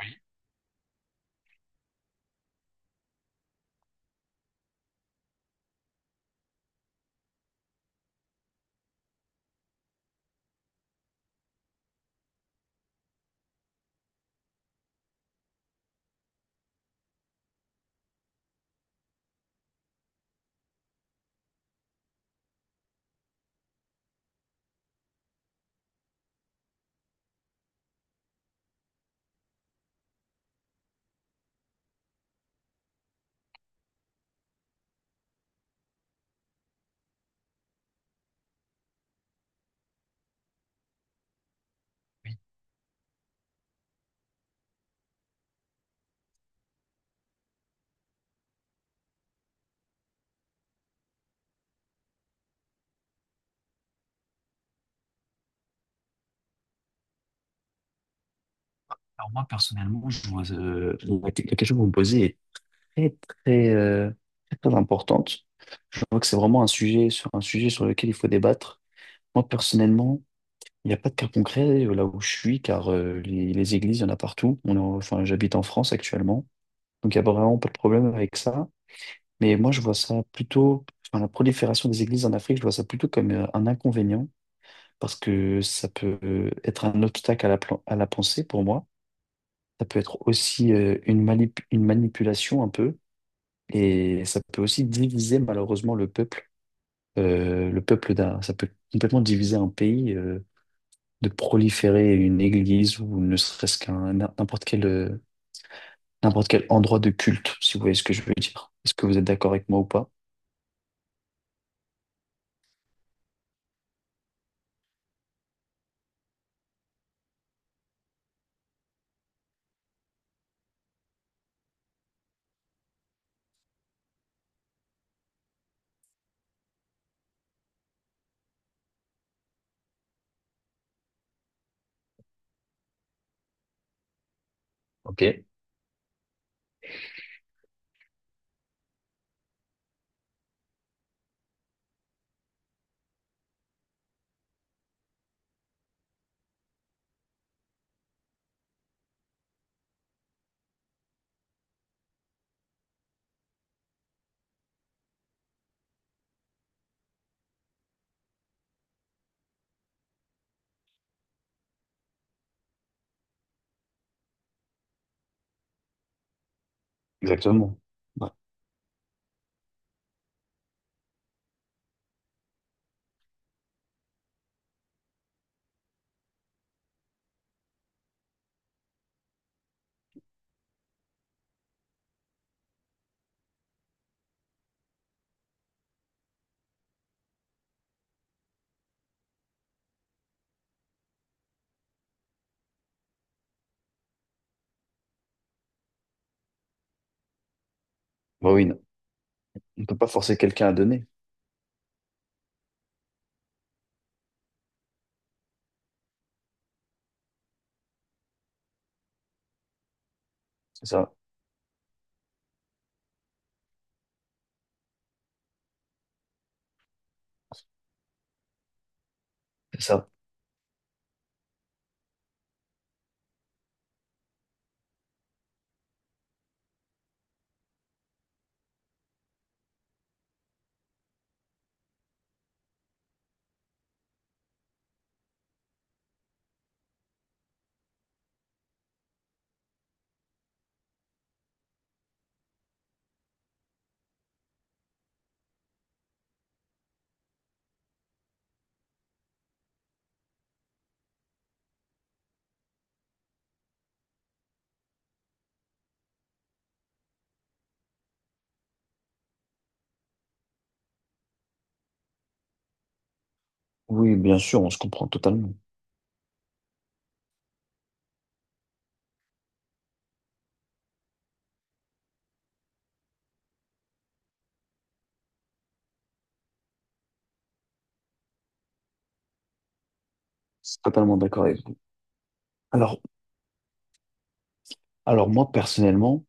Oui. Alors moi, personnellement, je vois, la question que vous me posez est très, très, très, très importante. Je vois que c'est vraiment un sujet sur lequel il faut débattre. Moi, personnellement, il n'y a pas de cas concret là où je suis, car les églises, il y en a partout. Enfin, j'habite en France actuellement, donc il n'y a vraiment pas de problème avec ça. Mais moi, je vois ça plutôt, enfin, la prolifération des églises en Afrique, je vois ça plutôt comme un inconvénient, parce que ça peut être un obstacle à à la pensée pour moi. Ça peut être aussi une manipulation un peu, et ça peut aussi diviser malheureusement le peuple, ça peut complètement diviser un pays, de proliférer une église ou ne serait-ce qu'un n'importe quel endroit de culte, si vous voyez ce que je veux dire. Est-ce que vous êtes d'accord avec moi ou pas? Ok. Exactement. Ouais. Bah oui, non. On ne peut pas forcer quelqu'un à donner. C'est ça. C'est ça. Oui, bien sûr, on se comprend totalement. Je suis totalement d'accord avec vous. Alors, alors, moi, personnellement,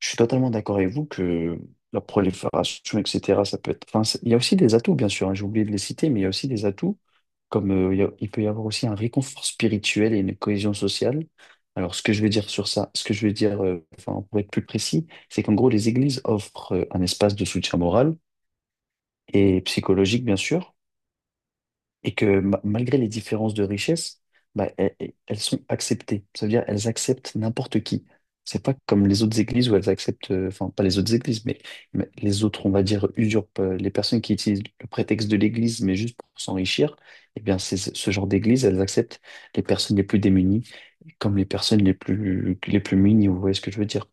je suis totalement d'accord avec vous que la prolifération, etc., ça peut être. Enfin, il y a aussi des atouts, bien sûr, hein, j'ai oublié de les citer, mais il y a aussi des atouts, comme il peut y avoir aussi un réconfort spirituel et une cohésion sociale. Alors, ce que je veux dire sur ça, ce que je veux dire, enfin, pour être plus précis, c'est qu'en gros, les églises offrent un espace de soutien moral et psychologique, bien sûr, et que malgré les différences de richesse, bah, elles sont acceptées. Ça veut dire elles acceptent n'importe qui. C'est pas comme les autres églises où elles acceptent, enfin pas les autres églises, mais les autres, on va dire, usurpent les personnes qui utilisent le prétexte de l'église, mais juste pour s'enrichir. Eh bien, c'est ce genre d'église, elles acceptent les personnes les plus démunies comme les personnes les plus munies. Vous voyez ce que je veux dire?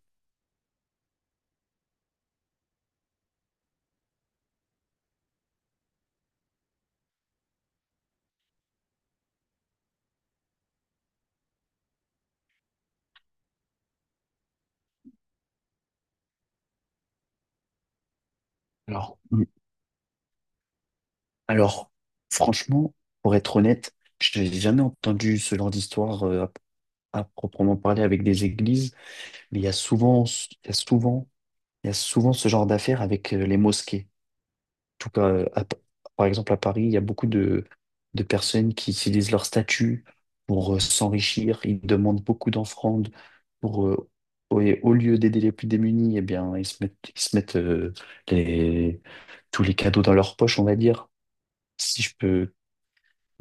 Alors. Mm. Alors, franchement, pour être honnête, je n'ai jamais entendu ce genre d'histoire à proprement parler avec des églises, mais il y a souvent ce genre d'affaires avec les mosquées. En tout cas, par exemple, à Paris, il y a beaucoup de personnes qui utilisent leur statut pour s'enrichir. Ils demandent beaucoup d'offrandes pour, au et au lieu d'aider les plus démunis, eh bien, ils se mettent les, tous les cadeaux dans leur poche, on va dire. Si je peux,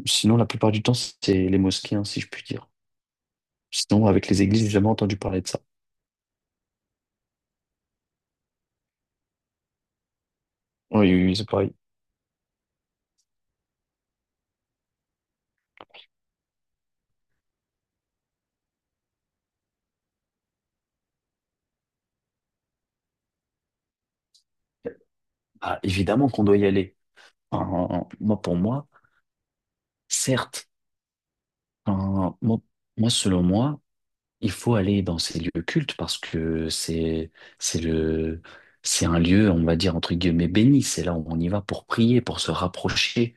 Sinon, la plupart du temps, c'est les mosquées, hein, si je puis dire. Sinon, avec les églises, j'ai jamais entendu parler de ça. Oui, oui, oui, c'est pareil. Ah, évidemment qu'on doit y aller. Enfin, moi, pour moi, certes, enfin, moi, selon moi, il faut aller dans ces lieux cultes parce que c'est le, c'est un lieu, on va dire, entre guillemets, béni. C'est là où on y va pour prier, pour se rapprocher,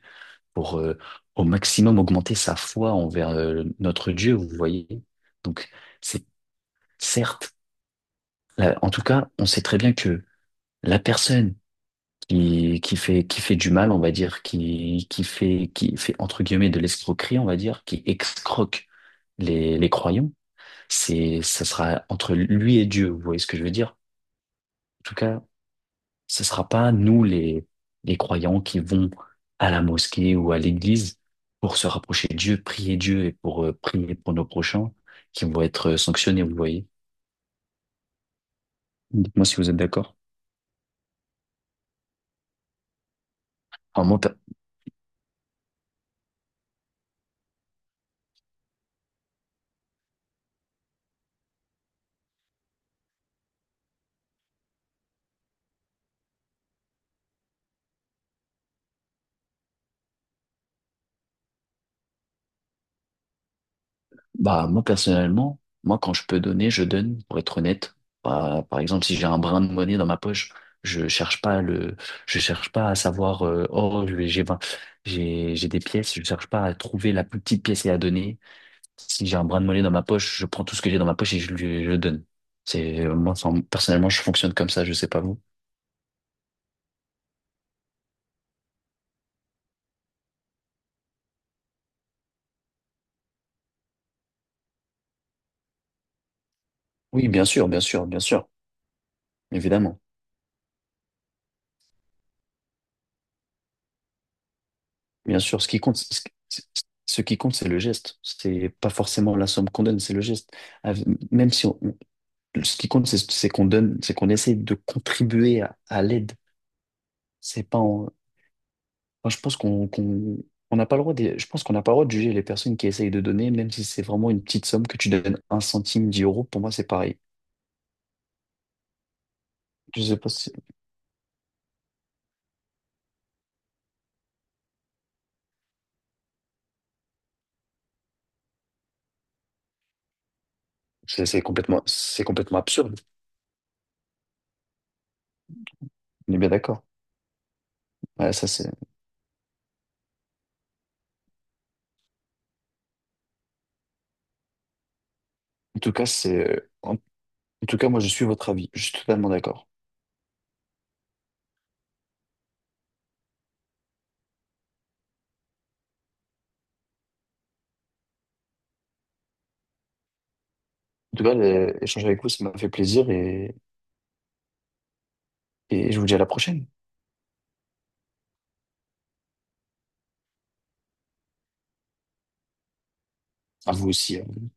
pour au maximum augmenter sa foi envers notre Dieu, vous voyez. Donc, c'est certes, là, en tout cas, on sait très bien que la personne qui fait du mal, on va dire, qui fait entre guillemets de l'escroquerie, on va dire, qui excroque les croyants, ça sera entre lui et Dieu, vous voyez ce que je veux dire? En tout cas, ce sera pas nous les croyants qui vont à la mosquée ou à l'église pour se rapprocher de Dieu, prier Dieu et pour prier pour nos prochains qui vont être sanctionnés, vous voyez? Dites-moi si vous êtes d'accord. Enfin, moi. Bah, moi, personnellement, moi, quand je peux donner, je donne, pour être honnête. Bah, par exemple, si j'ai un brin de monnaie dans ma poche, je cherche pas le, je cherche pas à savoir, oh, j'ai vingt- j'ai des pièces, je cherche pas à trouver la plus petite pièce et à donner. Si j'ai un brin de monnaie dans ma poche, je prends tout ce que j'ai dans ma poche et je le donne. Moi, enfin, personnellement, je fonctionne comme ça, je sais pas vous. Oui, bien sûr, bien sûr, bien sûr, évidemment. Bien sûr, ce qui comptece- c'est le geste. C'est pas forcément la somme qu'on donne, c'est le geste. Av- Même si on, ce qui compte, c'est qu'on donne, c'est qu'on essaie de contribuer à l'aide. C'est pas en- enfin, je pense on n'a pas le droit de, je pense qu'on n'a pas le droit de juger les personnes qui essayent de donner, même si c'est vraiment une petite somme que tu donnes 1 centime, 10 euros, pour moi, c'est pareil. Je sais pas si- c'est complètement absurde. On est bien d'accord. Ouais. En tout cas, c'est, en, en tout cas, moi, je suis votre avis. Je suis totalement d'accord. En tout cas, l'échange avec vous, ça m'a fait plaisir et je vous dis à la prochaine. À vous aussi. Hein.